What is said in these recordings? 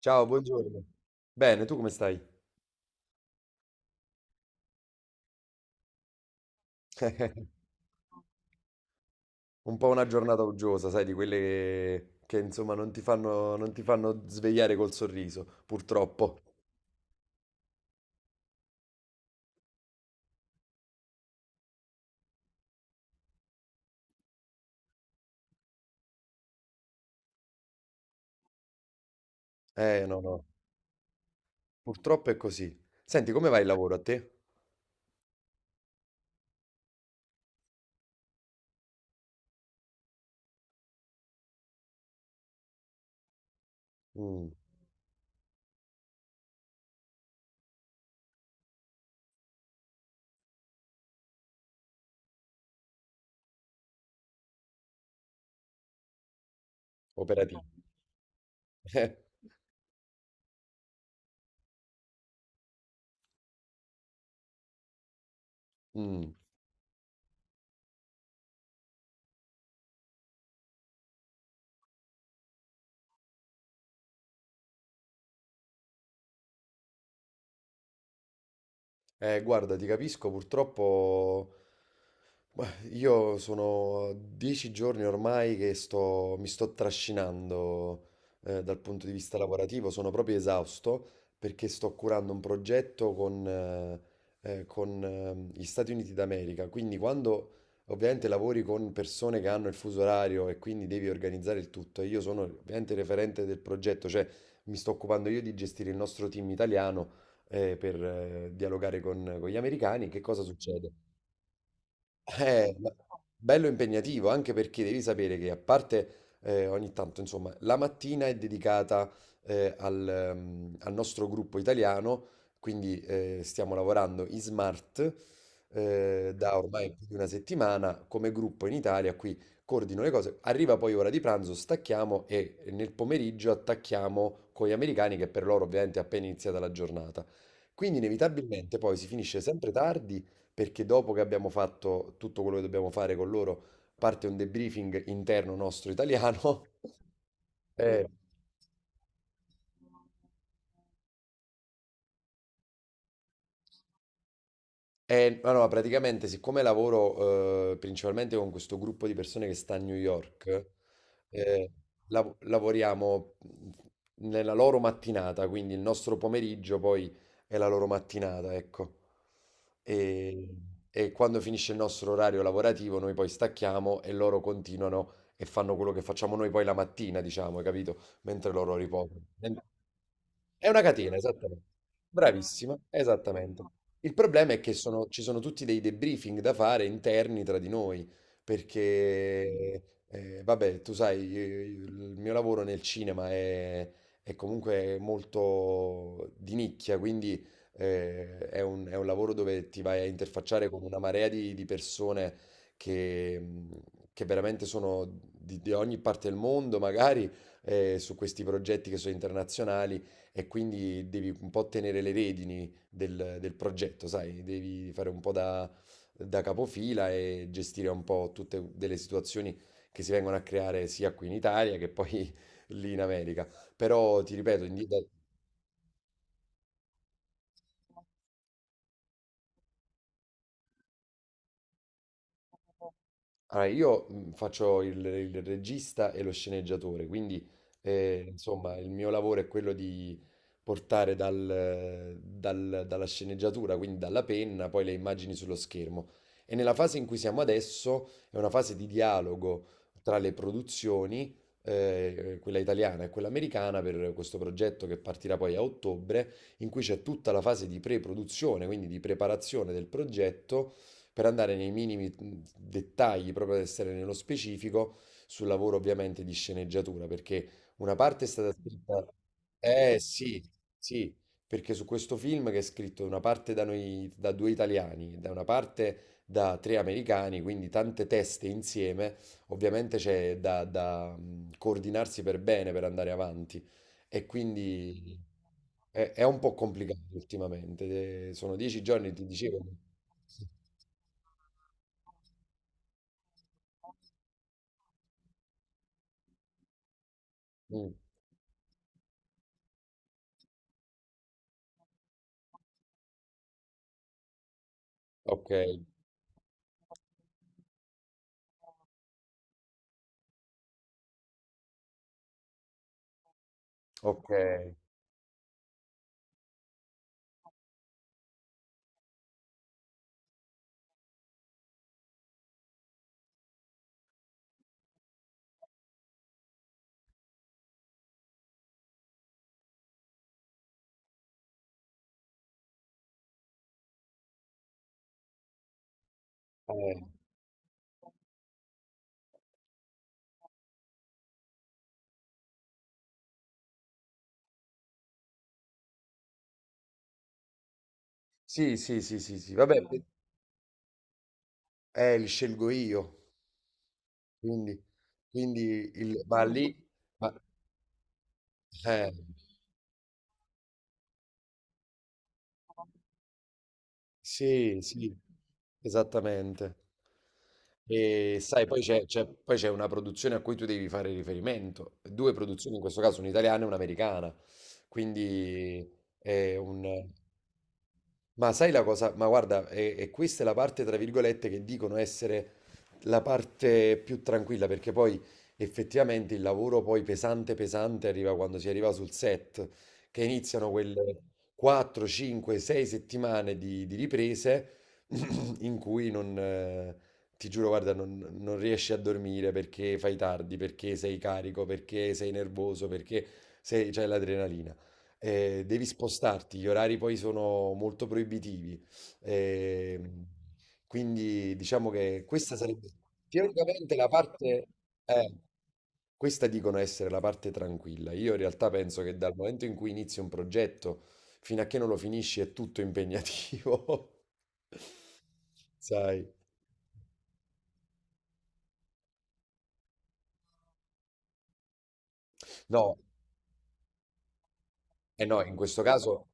Ciao, buongiorno. Bene, tu come stai? Un po' una giornata uggiosa, sai, di quelle che, insomma non ti fanno svegliare col sorriso, purtroppo. No, no, purtroppo è così. Senti, come va il lavoro a te? Mm, Operativo. Mm. Guarda, ti capisco, purtroppo beh, io sono 10 giorni ormai che mi sto trascinando dal punto di vista lavorativo, sono proprio esausto perché sto curando un progetto con gli Stati Uniti d'America, quindi quando ovviamente lavori con persone che hanno il fuso orario e quindi devi organizzare il tutto, e io sono ovviamente il referente del progetto, cioè mi sto occupando io di gestire il nostro team italiano per dialogare con gli americani, che cosa succede? Eh, ma- Bello impegnativo, anche perché devi sapere che a parte ogni tanto, insomma, la mattina è dedicata al nostro gruppo italiano, quindi stiamo lavorando in smart da ormai più di una settimana come gruppo in Italia, qui coordino le cose, arriva poi ora di pranzo, stacchiamo e nel pomeriggio attacchiamo con gli americani che per loro ovviamente è appena iniziata la giornata. Quindi inevitabilmente poi si finisce sempre tardi perché dopo che abbiamo fatto tutto quello che dobbiamo fare con loro, parte un debriefing interno nostro italiano. Eh, ma no, praticamente, siccome lavoro principalmente con questo gruppo di persone che sta a New York, eh, lavoriamo nella loro mattinata, quindi il nostro pomeriggio poi è la loro mattinata, ecco. E, e quando finisce il nostro orario lavorativo, noi poi stacchiamo e loro continuano e fanno quello che facciamo noi poi la mattina, diciamo, hai capito? Mentre loro riposano. È una catena, esattamente. Bravissima, esattamente. Il problema è che ci sono tutti dei debriefing da fare interni tra di noi, perché, vabbè, tu sai, il mio lavoro nel cinema è comunque molto di nicchia, quindi è un lavoro dove ti vai a interfacciare con una marea di persone che, mh, che veramente sono di ogni parte del mondo, magari, su questi progetti che sono internazionali, e quindi devi un po' tenere le redini del progetto, sai, devi fare un po' da capofila e gestire un po' tutte delle situazioni che si vengono a creare sia qui in Italia che poi lì in America. Però ti ripeto. Allora, io faccio il regista e lo sceneggiatore, quindi insomma il mio lavoro è quello di portare dalla sceneggiatura, quindi dalla penna, poi le immagini sullo schermo. E nella fase in cui siamo adesso è una fase di dialogo tra le produzioni, quella italiana e quella americana, per questo progetto che partirà poi a ottobre, in cui c'è tutta la fase di pre-produzione, quindi di preparazione del progetto per andare nei minimi dettagli, proprio ad essere nello specifico, sul lavoro ovviamente di sceneggiatura, perché una parte è stata scritta. Eh sì, sì, perché su questo film che è scritto una parte da noi, da due italiani, da una parte da tre americani, quindi tante teste insieme, ovviamente c'è da, coordinarsi per bene per andare avanti. E quindi. È un po' complicato ultimamente, sono 10 giorni, ti dicevo. Mm, ok, ok. Sì, sì, sì, sì, sì, vabbè, li scelgo io, quindi, quindi il, ma lì, ma, eh, sì, sì, esattamente. E sai, poi c'è una produzione a cui tu devi fare riferimento, due produzioni, in questo caso un'italiana e un'americana, quindi è un. Ma sai la cosa? Ma guarda, e questa è la parte, tra virgolette, che dicono essere la parte più tranquilla, perché poi effettivamente il lavoro poi pesante pesante arriva quando si arriva sul set, che iniziano quelle 4, 5, 6 settimane di riprese in cui non, ti giuro, guarda, non riesci a dormire perché fai tardi, perché sei carico, perché sei nervoso, perché c'è l'adrenalina devi spostarti, gli orari poi sono molto proibitivi. ehm, quindi diciamo che questa sarebbe teoricamente la parte, eh, questa dicono essere la parte tranquilla. Io in realtà penso che dal momento in cui inizi un progetto fino a che non lo finisci è tutto impegnativo. Sai? No, eh no, in questo caso.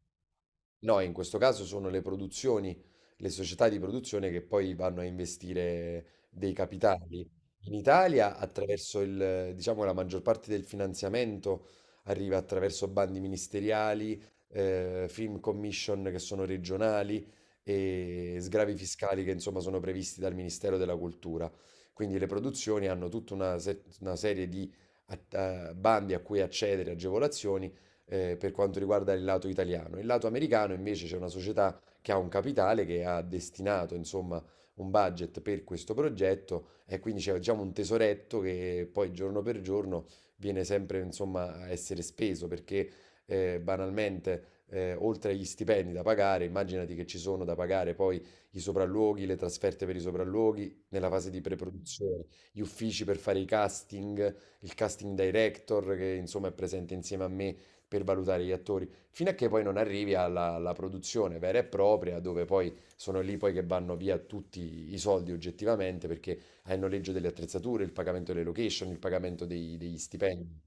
No, in questo caso sono le produzioni, le società di produzione che poi vanno a investire dei capitali. In Italia, attraverso diciamo, la maggior parte del finanziamento arriva attraverso bandi ministeriali, film commission che sono regionali e sgravi fiscali che insomma sono previsti dal Ministero della Cultura. Quindi le produzioni hanno tutta una, se- una serie di bandi a cui accedere, agevolazioni per quanto riguarda il lato italiano. Il lato americano invece c'è una società che ha un capitale che ha destinato, insomma, un budget per questo progetto e quindi c'è diciamo un tesoretto che poi giorno per giorno viene sempre, insomma, a essere speso perché banalmente oltre agli stipendi da pagare, immaginati che ci sono da pagare poi i sopralluoghi, le trasferte per i sopralluoghi nella fase di preproduzione, gli uffici per fare i casting, il casting director che insomma è presente insieme a me per valutare gli attori, fino a che poi non arrivi alla produzione vera e propria, dove poi sono lì poi che vanno via tutti i soldi oggettivamente, perché hai il noleggio delle attrezzature, il pagamento delle location, il pagamento degli stipendi.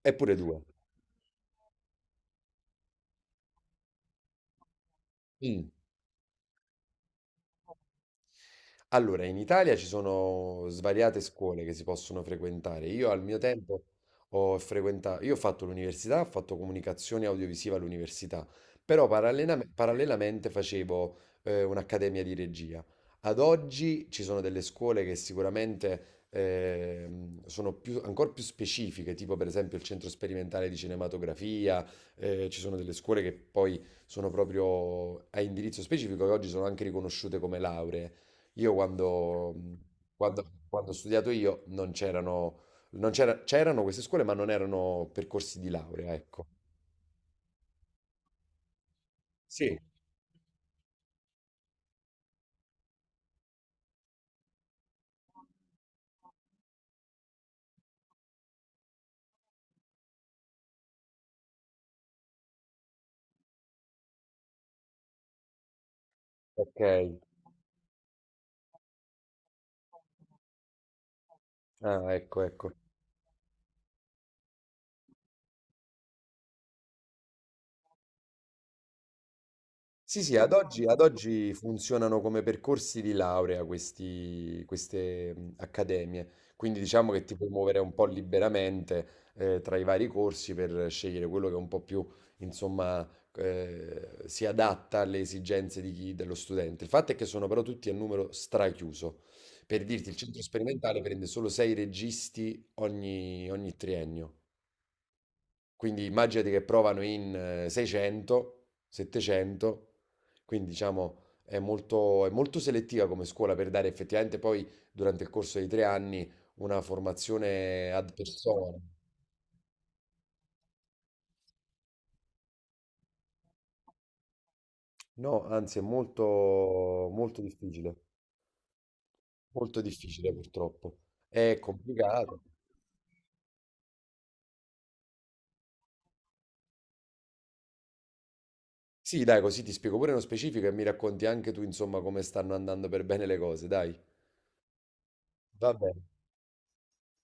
Eppure due. Mm. Allora, in Italia ci sono svariate scuole che si possono frequentare. Io al mio tempo io ho fatto l'università, ho fatto comunicazione audiovisiva all'università, però parallelamente facevo un'accademia di regia. Ad oggi ci sono delle scuole che sicuramente sono ancora più specifiche, tipo per esempio il Centro Sperimentale di Cinematografia, ci sono delle scuole che poi sono proprio a indirizzo specifico e oggi sono anche riconosciute come lauree. Io quando ho studiato io non c'erano, non c'era- c'erano queste scuole, ma non erano percorsi di laurea, ecco. Ok, ah, ecco, ecco. Sì, sì, ad oggi funzionano come percorsi di laurea queste, accademie, quindi diciamo che ti puoi muovere un po' liberamente tra i vari corsi per scegliere quello che un po' più, insomma, si adatta alle esigenze di dello studente. Il fatto è che sono però tutti a numero strachiuso. Per dirti, il centro sperimentale prende solo sei registi ogni triennio. Quindi immaginati che provano in 600, 700, quindi diciamo è molto selettiva come scuola per dare effettivamente poi durante il corso di 3 anni una formazione ad persona. No, anzi è molto, molto difficile purtroppo. È complicato. Sì, dai, così ti spiego pure nello specifico e mi racconti anche tu, insomma, come stanno andando per bene le cose, dai. Va bene.